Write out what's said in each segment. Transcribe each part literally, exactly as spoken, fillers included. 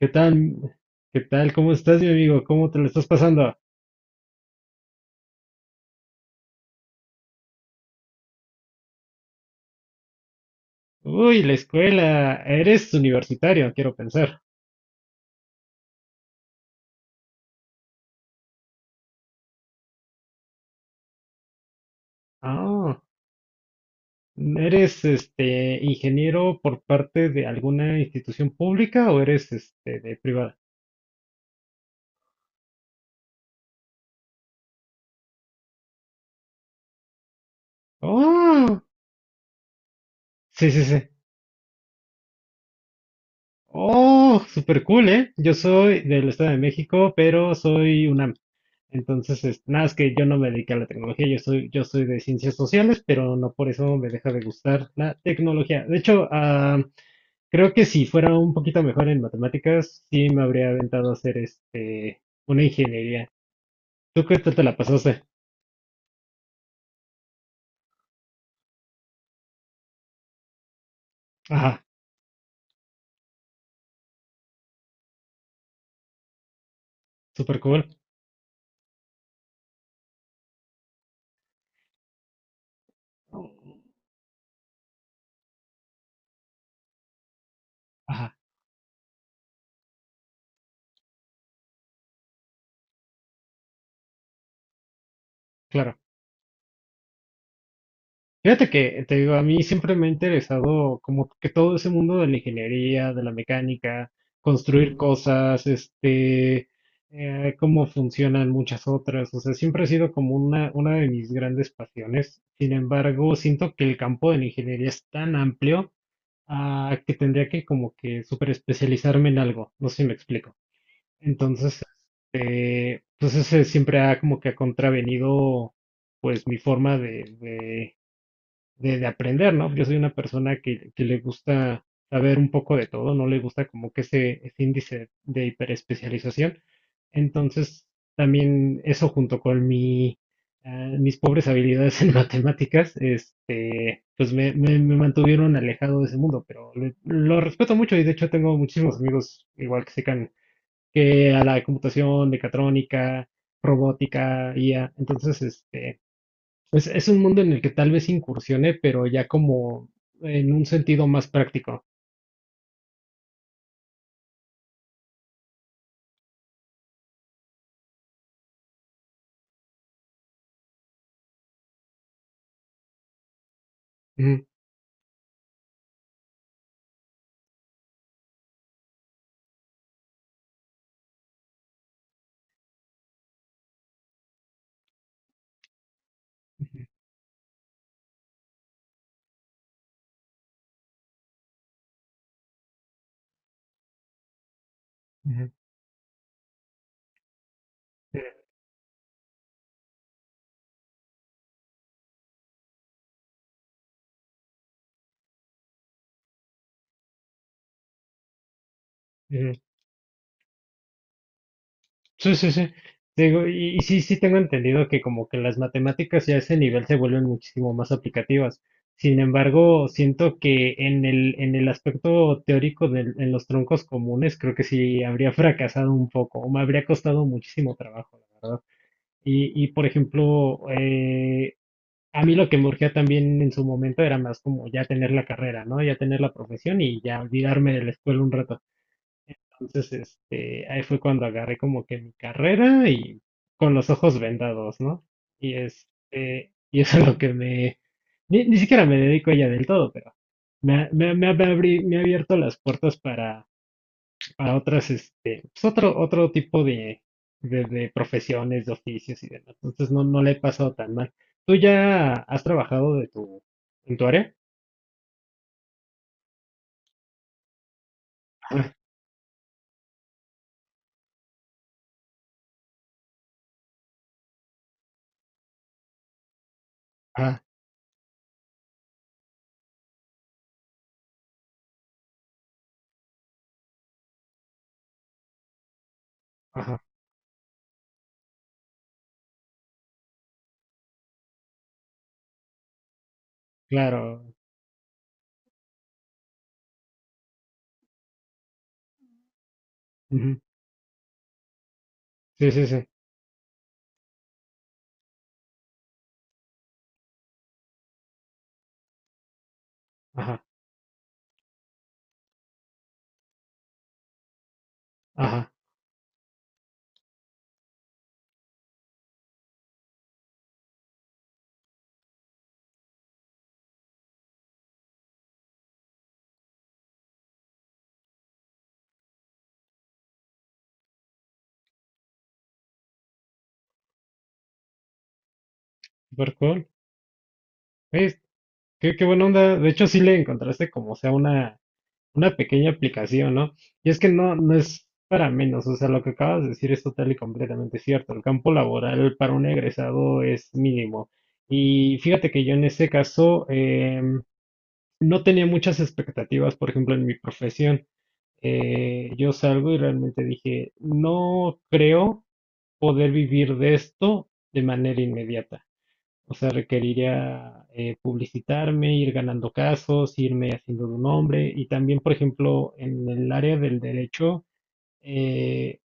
¿Qué tal? ¿Qué tal? ¿Cómo estás, mi amigo? ¿Cómo te lo estás pasando? Uy, la escuela. Eres universitario, quiero pensar. Ah, ¿eres este ingeniero por parte de alguna institución pública o eres este de privada? Oh, sí, sí, sí. Oh, super cool, ¿eh? Yo soy del Estado de México, pero soy UNAM. Entonces, es- nada, es que yo no me dediqué a la tecnología, yo soy, yo soy de ciencias sociales, pero no por eso me deja de gustar la tecnología. De hecho, ah, creo que si fuera un poquito mejor en matemáticas, sí me habría aventado a hacer este una ingeniería. ¿Tú qué tal te la pasaste? Ajá, súper cool. Ajá, claro. Fíjate que, te digo, a mí siempre me ha interesado como que todo ese mundo de la ingeniería, de la mecánica, construir cosas, este, eh, cómo funcionan muchas otras. O sea, siempre ha sido como una, una de mis grandes pasiones. Sin embargo, siento que el campo de la ingeniería es tan amplio Ah, que tendría que como que super especializarme en algo, no sé si me explico. Entonces, este, pues ese siempre ha como que ha contravenido pues mi forma de, de, de aprender, ¿no? Yo soy una persona que, que le gusta saber un poco de todo, no le gusta como que ese, ese índice de hiperespecialización. Entonces, también eso junto con mi, eh, mis pobres habilidades en matemáticas, este, pues me, me- me mantuvieron alejado de ese mundo, pero le- lo respeto mucho y de hecho tengo muchísimos amigos igual que secan que a la computación, mecatrónica, robótica, I A. Entonces, este, pues es un mundo en el que tal vez incursione, pero ya como en un sentido más práctico. Ujú, ujú, ujú, ujú, Sí, sí, sí. Digo, y, y sí, sí tengo entendido que como que las matemáticas ya a ese nivel se vuelven muchísimo más aplicativas. Sin embargo, siento que en el, en el aspecto teórico del- en los troncos comunes, creo que sí habría fracasado un poco, o me habría costado muchísimo trabajo, la verdad. Y, y por ejemplo, eh, a mí lo que me urgía también en su momento era más como ya tener la carrera, ¿no? Ya tener la profesión y ya olvidarme de la escuela un rato. Entonces, este, ahí fue cuando agarré como que mi carrera y con los ojos vendados, ¿no? Y este, y eso es lo que me, ni, ni siquiera me dedico a ella del todo, pero me, ha- me, ha- me ha abri- me ha abierto las puertas para otras, este, pues otro, otro tipo de, de, de profesiones, de oficios y demás. Entonces no, no le he pasado tan mal. ¿Tú ya has trabajado de tu, en tu área? Ah, ah, ajá, claro. Ujú. Sí, sí, sí. Ajá, ajá. Super cool. ¿Ves? Qué, qué buena onda. De hecho, sí le encontraste como sea una Una pequeña aplicación, ¿no? Y es que no, no es para menos, o sea, lo que acabas de decir es total y completamente cierto. El campo laboral para un egresado es mínimo. Y fíjate que yo en ese caso em, no tenía muchas expectativas, por ejemplo, en mi profesión. Eh, yo salgo y realmente dije, no creo poder vivir de esto de manera inmediata. O sea, requeriría eh, publicitarme, ir ganando casos, irme haciendo de un nombre y también, por ejemplo, en el área del derecho, eh,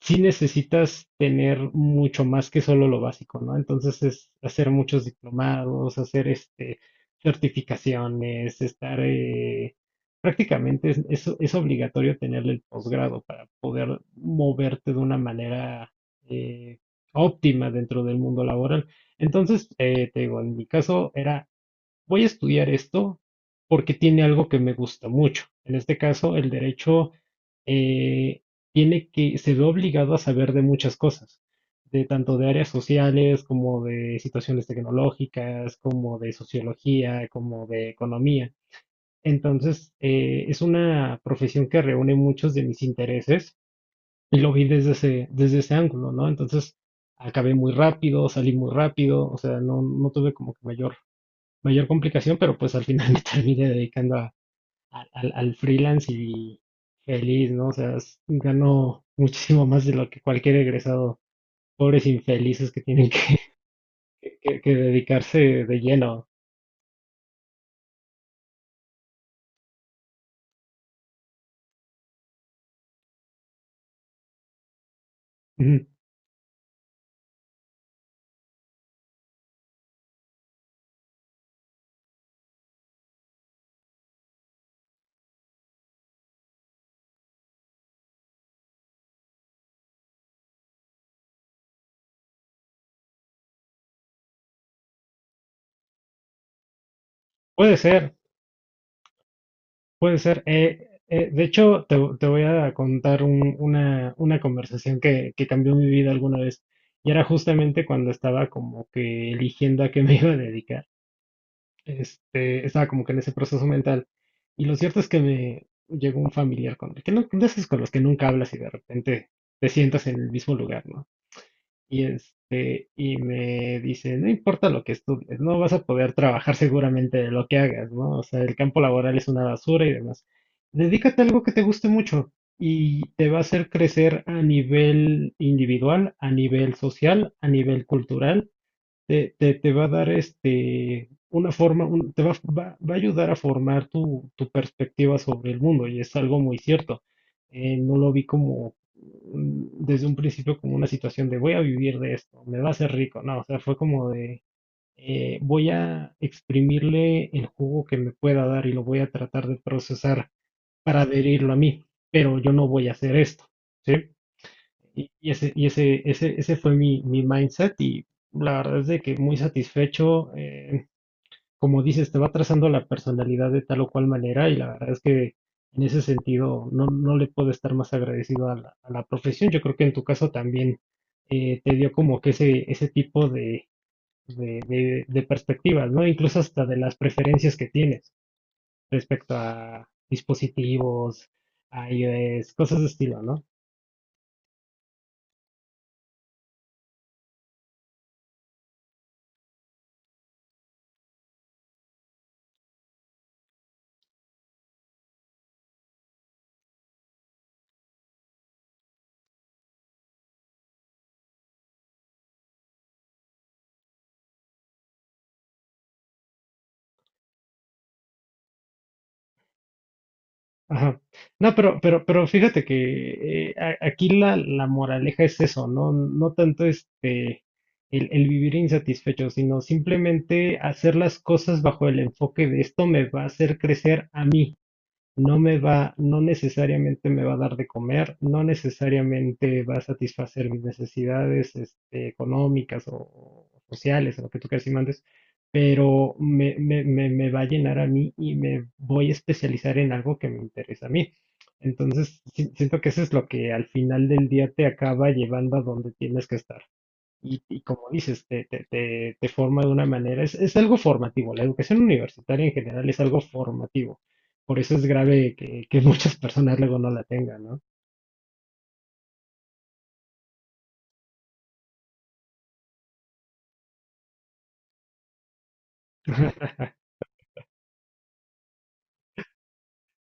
sí necesitas tener mucho más que solo lo básico, ¿no? Entonces es hacer muchos diplomados, hacer este certificaciones, estar eh, prácticamente es, es- es obligatorio tener el posgrado para poder moverte de una manera eh, óptima dentro del mundo laboral. Entonces, eh, te digo, en mi caso era voy a estudiar esto porque tiene algo que me gusta mucho. En este caso, el derecho eh, tiene que, se ve obligado a saber de muchas cosas, de tanto de áreas sociales como de situaciones tecnológicas, como de sociología, como de economía. Entonces, eh, es una profesión que reúne muchos de mis intereses y lo vi desde ese, desde ese ángulo, ¿no? Entonces, acabé muy rápido, salí muy rápido, o sea, no, no tuve como que mayor mayor complicación, pero pues al final me terminé dedicando a- a- al, al freelance y feliz, ¿no? O sea, s- gano muchísimo más de lo que cualquier egresado, pobres infelices que tienen que, que- que dedicarse de lleno. Ujú. Puede ser, puede ser. Eh, eh, de hecho, te, te voy a contar un- una, una conversación que, que cambió mi vida alguna vez. Y era justamente cuando estaba como que eligiendo a qué me iba a dedicar. este, estaba como que en ese proceso mental. Y lo cierto es que me llegó un familiar con que no, de esos con los que nunca hablas y de repente te sientas en el mismo lugar, ¿no? Y este, y me dice, no importa lo que estudies, no vas a poder trabajar seguramente de lo que hagas, ¿no? O sea, el campo laboral es una basura y demás. Dedícate a algo que te guste mucho y te va a hacer crecer a nivel individual, a nivel social, a nivel cultural te, te, te va a dar este, una forma, un- te va, va- va a ayudar a formar tu, tu perspectiva sobre el mundo y es algo muy cierto. Eh, no lo vi como mm, desde un principio como una situación de voy a vivir de esto, me va a hacer rico, no, o sea, fue como de eh, voy a exprimirle el jugo que me pueda dar y lo voy a tratar de procesar para adherirlo a mí, pero yo no voy a hacer esto, ¿sí? Y y ese, y ese, ese, ese fue mi, mi mindset y la verdad es de que muy satisfecho. eh, como dices, te va trazando la personalidad de tal o cual manera y la verdad es que en ese sentido no, no le puedo estar más agradecido a la, a la profesión. Yo creo que en tu caso también eh, te dio como que ese, ese tipo de, de, de, de perspectivas, ¿no? Incluso hasta de las preferencias que tienes respecto a dispositivos, a iOS, cosas de estilo, ¿no? Ajá. No, pero, pero, pero fíjate que eh, a- aquí la, la moraleja es eso, ¿no? No tanto este el, el vivir insatisfecho, sino simplemente hacer las cosas bajo el enfoque de esto me va a hacer crecer a mí no me va, no necesariamente me va a dar de comer, no necesariamente va a satisfacer mis necesidades, este, económicas o o sociales, o lo que tú quieras y mandes, pero me, me, me, me va a llenar a mí y me voy a especializar en algo que me interesa a mí. Entonces, si- siento que eso es lo que al final del día te acaba llevando a donde tienes que estar. Y, y como dices, te, te, te- te forma de una manera, es, es algo formativo, la educación universitaria en general es algo formativo, por eso es grave que, que muchas personas luego no la tengan, ¿no?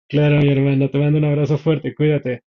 Claro, mi hermano, te mando un abrazo fuerte, cuídate.